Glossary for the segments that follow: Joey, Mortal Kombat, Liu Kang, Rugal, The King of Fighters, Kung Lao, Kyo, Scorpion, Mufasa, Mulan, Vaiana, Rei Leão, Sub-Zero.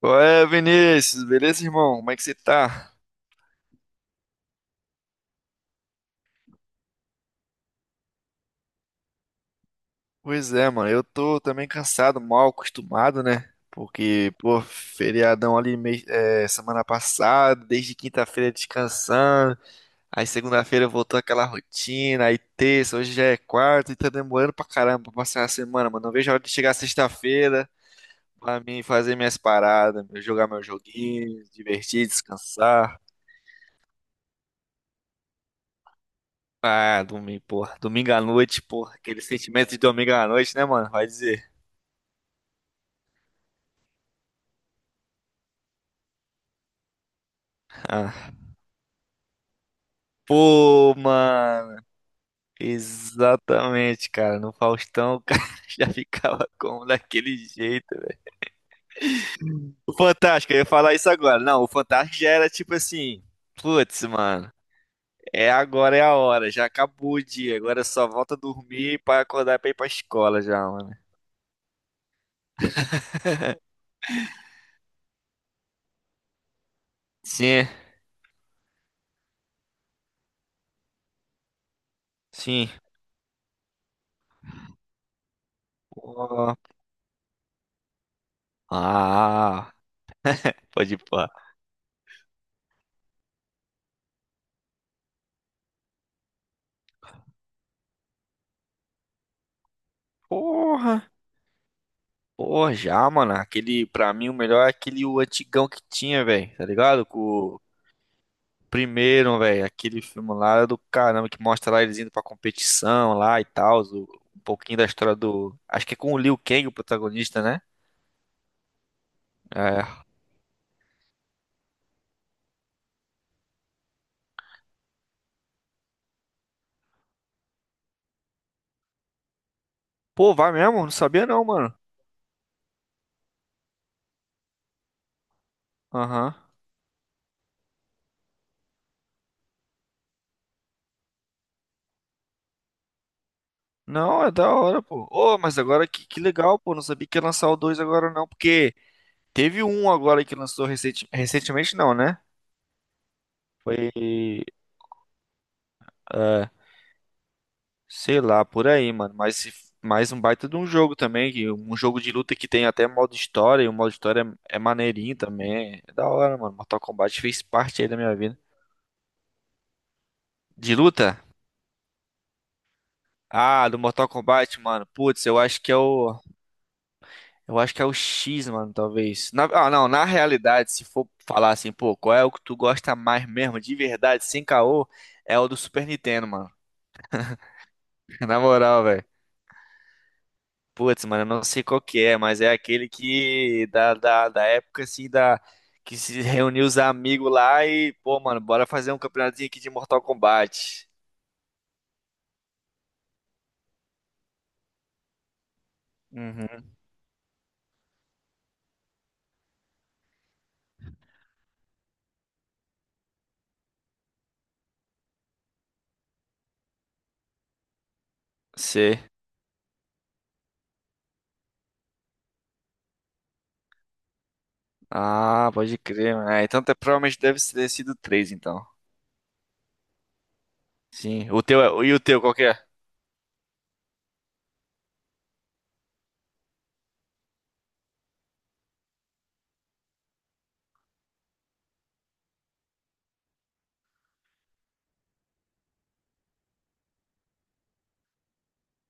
Qual é, Vinícius? Beleza, irmão? Como é que você tá? Pois é, mano. Eu tô também cansado, mal acostumado, né? Porque, pô, feriadão ali é, semana passada, desde quinta-feira descansando. Aí segunda-feira voltou aquela rotina. Aí terça, hoje já é quarta e tá demorando pra caramba pra passar a semana, mano. Não vejo a hora de chegar sexta-feira pra mim fazer minhas paradas, jogar meus joguinhos, divertir, descansar. Ah, domingo, porra. Domingo à noite, porra. Aquele sentimento de domingo à noite, né, mano? Vai dizer. Ah. Pô, mano. Exatamente, cara. No Faustão, o cara já ficava como daquele jeito, velho. O Fantástico, eu ia falar isso agora. Não, o Fantástico já era tipo assim. Putz, mano. É agora, é a hora. Já acabou o dia. Agora só volta a dormir pra acordar pra ir pra escola já, mano. Sim, sim. Pô. Ah, pode ir, pá. Porra. Pô, já, mano. Aquele, pra mim, o melhor é aquele o antigão que tinha, velho. Tá ligado? Com o primeiro, velho. Aquele filme lá era do caramba que mostra lá eles indo pra competição lá e tal. Um pouquinho da história do. Acho que é com o Liu Kang, o protagonista, né? É. Pô, vai mesmo? Não sabia não, mano. Aham. Não, é da hora, pô. Ô, mas agora que legal, pô. Não sabia que ia lançar o dois agora não, porque teve um agora que lançou recentemente, não, né? Foi. É, sei lá, por aí, mano. Mas mais um baita de um jogo também, que um jogo de luta que tem até modo história, e o modo história é maneirinho também. É da hora, mano. Mortal Kombat fez parte aí da minha vida. De luta? Ah, do Mortal Kombat, mano. Putz, eu acho que é o. Eu acho que é o X, mano, talvez. Ah, não, na realidade, se for falar assim, pô, qual é o que tu gosta mais mesmo, de verdade, sem caô, é o do Super Nintendo, mano. Na moral, velho. Putz, mano, eu não sei qual que é, mas é aquele que da época assim da que se reuniu os amigos lá e, pô, mano, bora fazer um campeonatozinho aqui de Mortal Kombat. Uhum. Sei. Ah, pode crer, mano. Ah, então provavelmente deve ter sido três, então. Sim. O teu é, e o teu qual que é?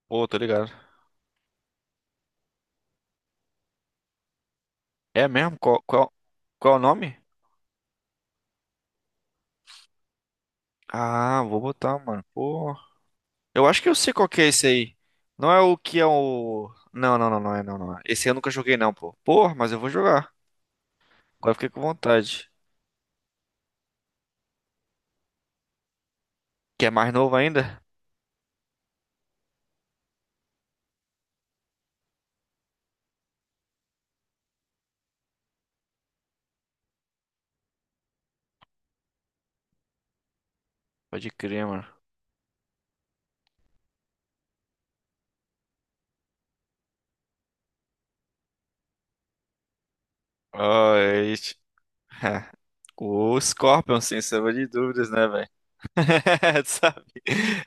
Pô, tô ligado. É mesmo? Qual é o nome? Ah, vou botar, mano. Pô. Eu acho que eu sei qual que é esse aí. Não é o que é o. Não, não, não, não é, não, não. É. Esse eu nunca joguei, não, pô. Pô, mas eu vou jogar. Agora eu fiquei com vontade. Que é mais novo ainda? Pode crer, mano. Ah, é isso. O Scorpion, sem sombra de dúvidas, né, velho? Sabe?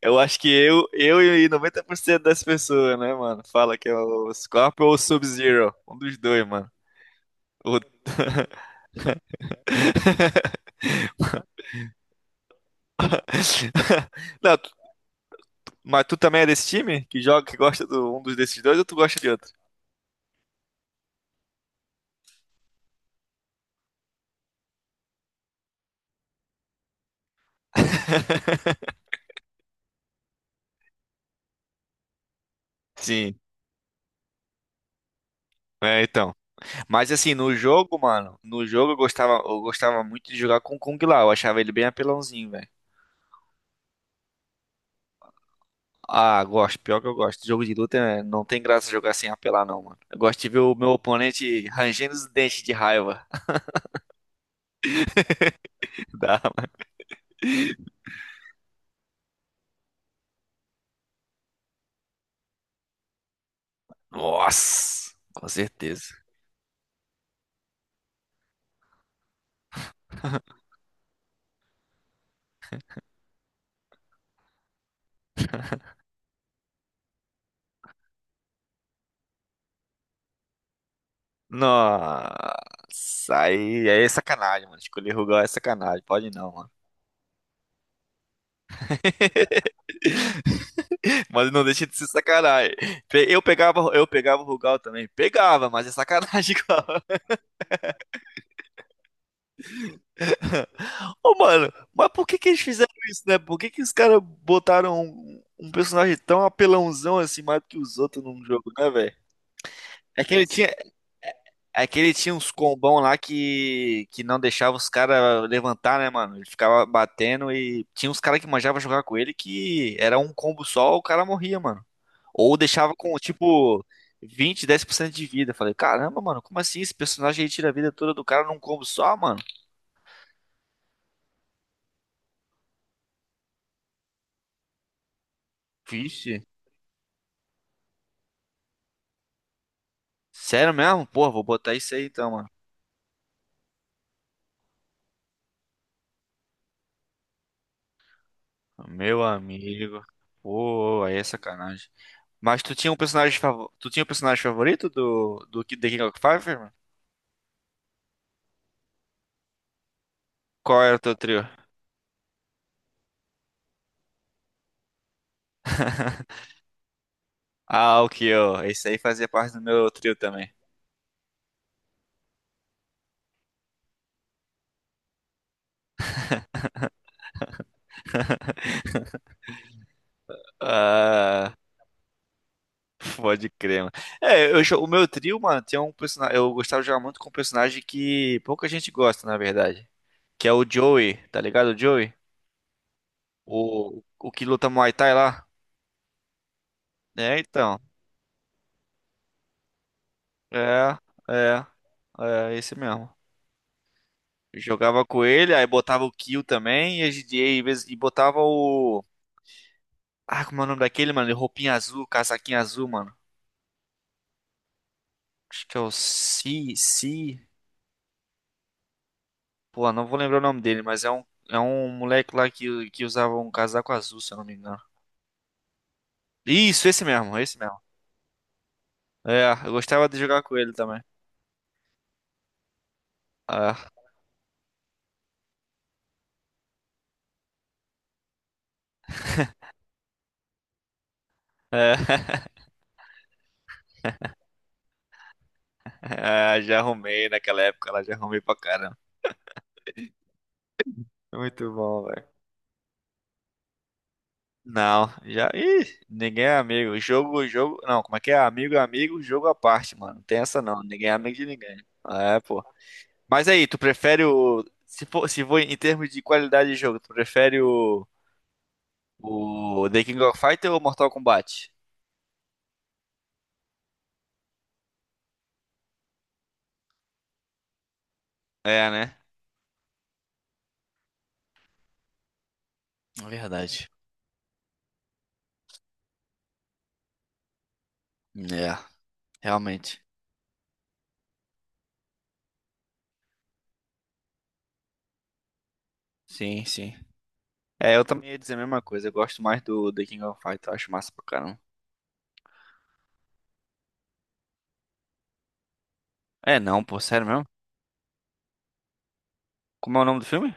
Eu acho que eu e 90% das pessoas, né, mano? Fala que é o Scorpion ou o Sub-Zero. Um dos dois, mano. O- Não, mas tu também é desse time? Que joga, que gosta de um dos desses dois ou tu gosta de outro? Sim. É, então. Mas assim, no jogo, mano, no jogo eu gostava muito de jogar com o Kung Lao, eu achava ele bem apelãozinho, velho. Ah, gosto, pior que eu gosto. Jogo de luta né, não tem graça jogar sem apelar, não, mano. Eu gosto de ver o meu oponente rangendo os dentes de raiva. Dá, mano. Nossa, com certeza. Nossa, aí é sacanagem, mano. Escolher Rugal é sacanagem, pode não, mano. Mas não deixa de ser sacanagem. Eu pegava o Rugal também. Pegava, mas é sacanagem igual. Ô, mano, mas por que que eles fizeram isso, né? Por que que os caras botaram um personagem tão apelãozão assim, mais do que os outros num jogo, né, velho? É que ele tinha que ele tinha uns combão lá que não deixava os caras levantar, né, mano? Ele ficava batendo e tinha uns caras que manjava jogar com ele que era um combo só, o cara morria, mano. Ou deixava com, tipo, vinte dez por cento de vida. Falei, caramba, mano, como assim? Esse personagem aí tira a vida toda do cara num combo só, mano? Vixe. Sério mesmo? Pô, vou botar isso aí então, mano. Meu amigo. Pô, aí é sacanagem. Mas tu tinha um personagem favorito do The King of Fighters, mano? Qual era o teu trio? Ah, o Kyo. Esse aí fazia parte do meu trio também. Ah, pode crer, mano. É, o meu trio, mano, tinha um personagem, eu gostava de jogar muito com um personagem que pouca gente gosta, na verdade, que é o Joey, tá ligado? O Joey, o que luta Muay Thai lá. É, então, É, é, é, esse mesmo. Jogava com ele, aí botava o Kill também, e, a gente- e, às vezes- e botava o. Ah, como é o nome daquele, mano? De Roupinha azul, casaquinho azul, mano. Acho que é o Si, Si. Pô, não vou lembrar o nome dele, mas é um moleque lá que usava um casaco azul, se eu não me engano. Isso, esse mesmo, esse mesmo. É, eu gostava de jogar com ele também. Ah, é, é, já arrumei naquela época lá, já arrumei pra caramba. Muito bom, velho. Não, já. Ih, ninguém é amigo. Jogo, jogo. Não, como é que é? Amigo, é amigo, jogo à parte, mano. Não tem essa não. Ninguém é amigo de ninguém. É, pô. Mas aí, tu prefere o. Se for em termos de qualidade de jogo, tu prefere o. O The King of Fighter ou Mortal Kombat? É, né? É verdade. É, realmente. Sim, sim. É, eu também ia dizer a mesma coisa. Eu gosto mais do The King of Fighter. Eu acho massa pra caramba. É, não, pô, sério mesmo? Como é o nome do filme?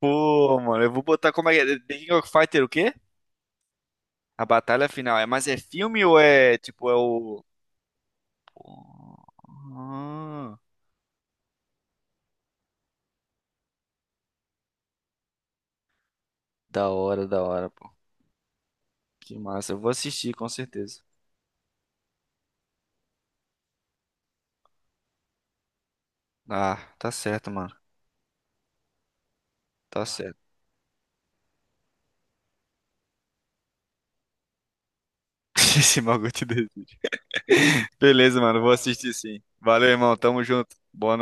Pô, mano, eu vou botar como é que é? The King of Fighter o quê? A batalha final é, mas é filme ou é tipo é o Pô, ah, da hora, pô. Que massa. Eu vou assistir com certeza. Ah, tá certo, mano. Tá certo. Esse bagulho te deu. Beleza, mano. Vou assistir sim. Valeu, irmão. Tamo junto. Boa